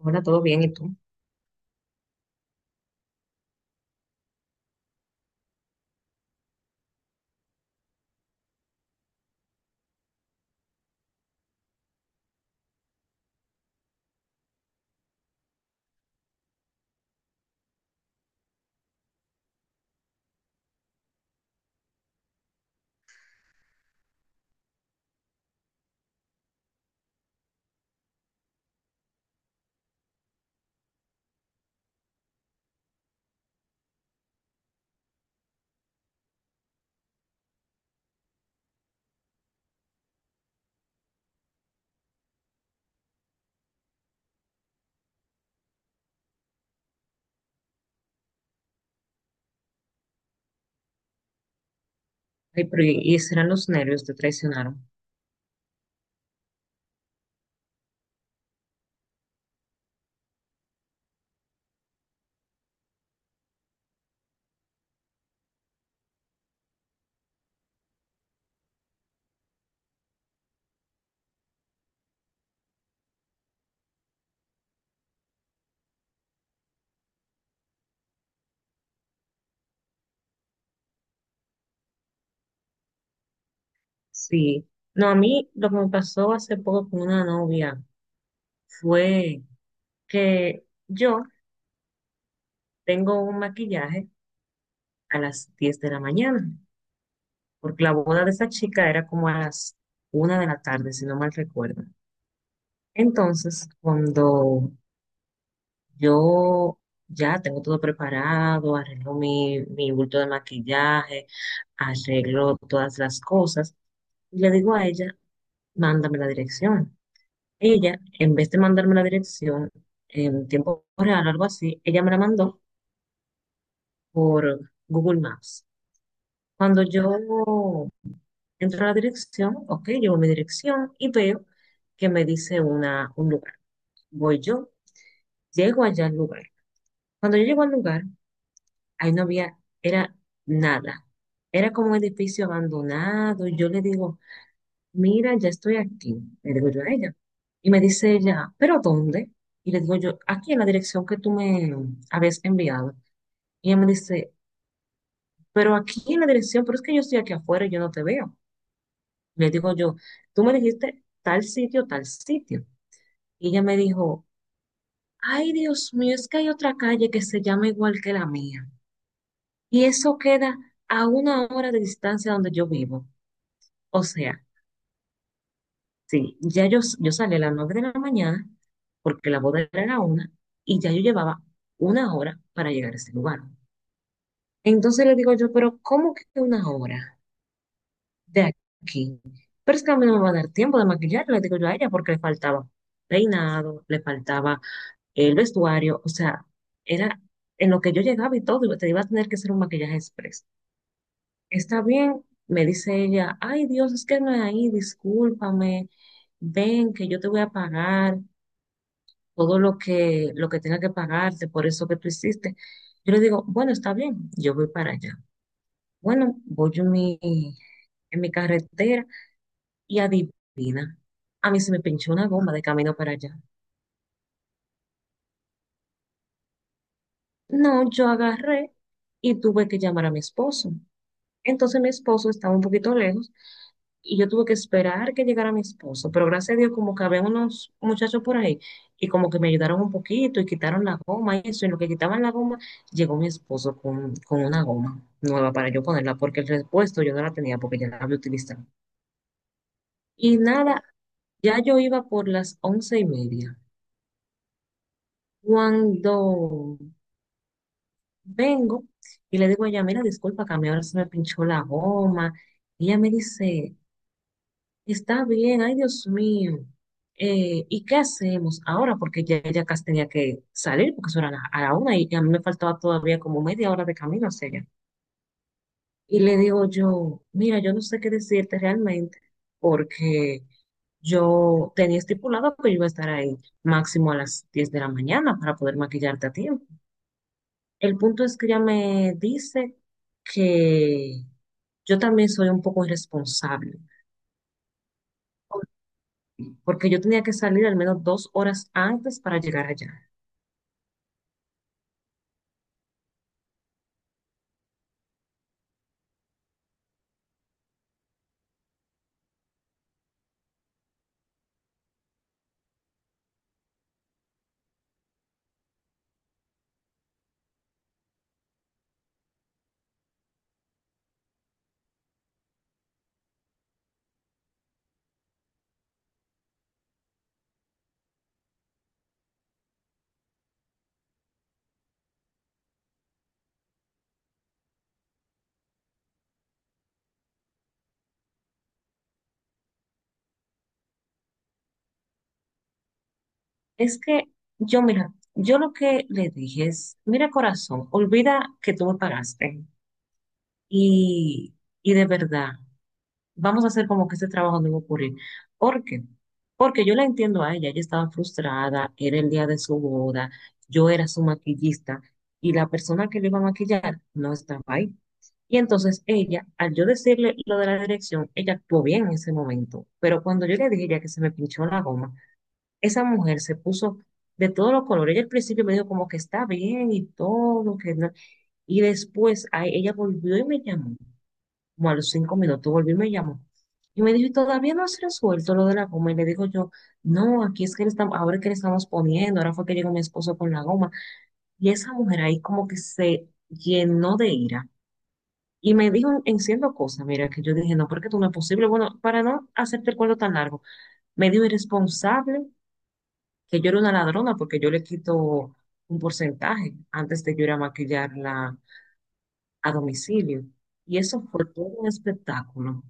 Ahora, ¿todo bien? ¿Y tú? Ay, pero ¿y serán los nervios te traicionaron? Sí. No, a mí lo que me pasó hace poco con una novia fue que yo tengo un maquillaje a las 10 de la mañana, porque la boda de esa chica era como a las 1 de la tarde, si no mal recuerdo. Entonces, cuando yo ya tengo todo preparado, arreglo mi bulto de maquillaje, arreglo todas las cosas, y le digo a ella, mándame la dirección. Ella, en vez de mandarme la dirección en tiempo real o algo así, ella me la mandó por Google Maps. Cuando yo entro a la dirección, ok, llevo mi dirección y veo que me dice un lugar. Voy yo, llego allá al lugar. Cuando yo llego al lugar, ahí no había, era nada. Era como un edificio abandonado. Yo le digo, mira, ya estoy aquí, le digo yo a ella. Y me dice ella, ¿pero dónde? Y le digo yo, aquí en la dirección que tú me habías enviado. Y ella me dice, pero aquí en la dirección, pero es que yo estoy aquí afuera y yo no te veo. Le digo yo, tú me dijiste tal sitio, tal sitio. Y ella me dijo, ay, Dios mío, es que hay otra calle que se llama igual que la mía. Y eso queda a 1 hora de distancia donde yo vivo. O sea, sí, ya yo, salí a las 9 de la mañana porque la boda era una y ya yo llevaba 1 hora para llegar a ese lugar. Entonces le digo yo, pero ¿cómo que 1 hora de aquí? Pero es que a mí no me va a dar tiempo de maquillar, le digo yo a ella, porque le faltaba peinado, le faltaba el vestuario, o sea, era en lo que yo llegaba y todo, y te iba a tener que hacer un maquillaje express. Está bien, me dice ella, ay Dios, es que no es ahí, discúlpame, ven que yo te voy a pagar todo lo que tenga que pagarte por eso que tú hiciste. Yo le digo, bueno, está bien, yo voy para allá. Bueno, voy en mi carretera y adivina, a mí se me pinchó una goma de camino para allá. No, yo agarré y tuve que llamar a mi esposo. Entonces mi esposo estaba un poquito lejos y yo tuve que esperar que llegara mi esposo, pero gracias a Dios como que había unos muchachos por ahí y como que me ayudaron un poquito y quitaron la goma y eso, y en lo que quitaban la goma, llegó mi esposo con una goma nueva para yo ponerla, porque el repuesto yo no la tenía porque ya la había utilizado. Y nada, ya yo iba por las 11:30. Cuando vengo y le digo a ella, mira, disculpa, que a mí ahora se me pinchó la goma. Y ella me dice, está bien, ay Dios mío. ¿Y qué hacemos ahora? Porque ya ella casi tenía que salir, porque eso era a la una y a mí me faltaba todavía como media hora de camino hacia allá. Y le digo yo, mira, yo no sé qué decirte realmente, porque yo tenía estipulado que yo iba a estar ahí máximo a las 10 de la mañana para poder maquillarte a tiempo. El punto es que ella me dice que yo también soy un poco irresponsable, porque yo tenía que salir al menos 2 horas antes para llegar allá. Es que yo, mira, yo lo que le dije es, mira corazón, olvida que tú me pagaste y, y de verdad, vamos a hacer como que este trabajo no va a ocurrir. ¿Por qué? Porque yo la entiendo a ella, ella estaba frustrada, era el día de su boda, yo era su maquillista y la persona que le iba a maquillar no estaba ahí. Y entonces ella, al yo decirle lo de la dirección, ella actuó bien en ese momento. Pero cuando yo le dije ya que se me pinchó la goma, esa mujer se puso de todos los colores. Ella al principio me dijo como que está bien y todo, que no. Y después ay, ella volvió y me llamó, como a los 5 minutos volvió y me llamó. Y me dijo, ¿y todavía no has resuelto lo de la goma? Y le digo yo, no, aquí es que le estamos, ahora es que le estamos poniendo, ahora fue que llegó mi esposo con la goma. Y esa mujer ahí como que se llenó de ira y me dijo en siendo cosas, mira, que yo dije, no, porque tú no es posible. Bueno, para no hacerte el cuento tan largo, me dijo irresponsable, que yo era una ladrona porque yo le quito un porcentaje antes de yo ir a maquillarla a domicilio. Y eso fue todo un espectáculo,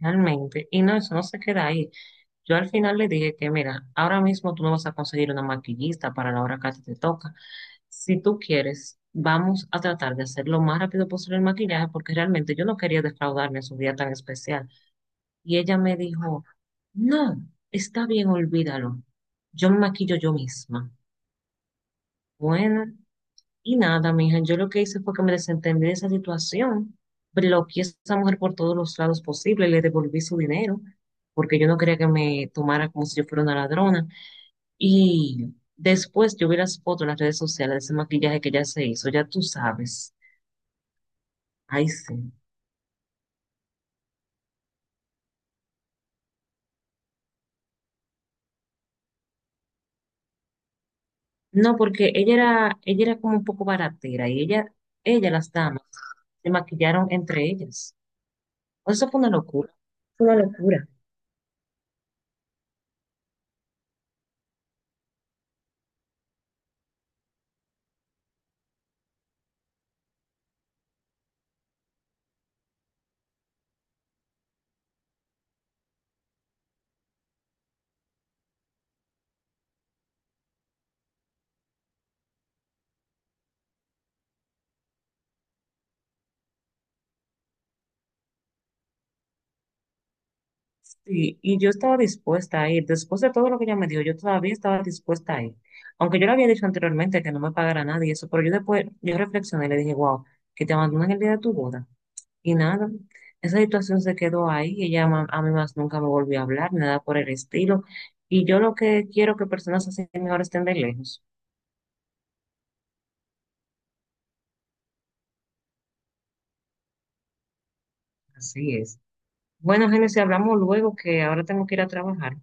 realmente. Y no, eso no se queda ahí. Yo al final le dije que, mira, ahora mismo tú no vas a conseguir una maquillista para la hora que a ti te toca. Si tú quieres, vamos a tratar de hacer lo más rápido posible el maquillaje porque realmente yo no quería defraudarme en su día tan especial. Y ella me dijo, no, está bien, olvídalo. Yo me maquillo yo misma. Bueno, y nada, mija, yo lo que hice fue que me desentendí de esa situación, bloqueé a esa mujer por todos los lados posibles, le devolví su dinero, porque yo no quería que me tomara como si yo fuera una ladrona. Y después yo vi las fotos en las redes sociales de ese maquillaje que ella se hizo, ya tú sabes. Ay, sí. No, porque ella era como un poco baratera y ella, las damas se maquillaron entre ellas. Eso fue una locura. Fue una locura. Sí, y yo estaba dispuesta a ir. Después de todo lo que ella me dio, yo todavía estaba dispuesta a ir. Aunque yo le había dicho anteriormente que no me pagara nada y eso, pero yo después, yo reflexioné y le dije, wow, que te abandonan el día de tu boda. Y nada, esa situación se quedó ahí. Y ella a mí más nunca me volvió a hablar, nada por el estilo. Y yo lo que quiero que personas así mejor estén de lejos. Así es. Bueno, Génesis, hablamos luego que ahora tengo que ir a trabajar.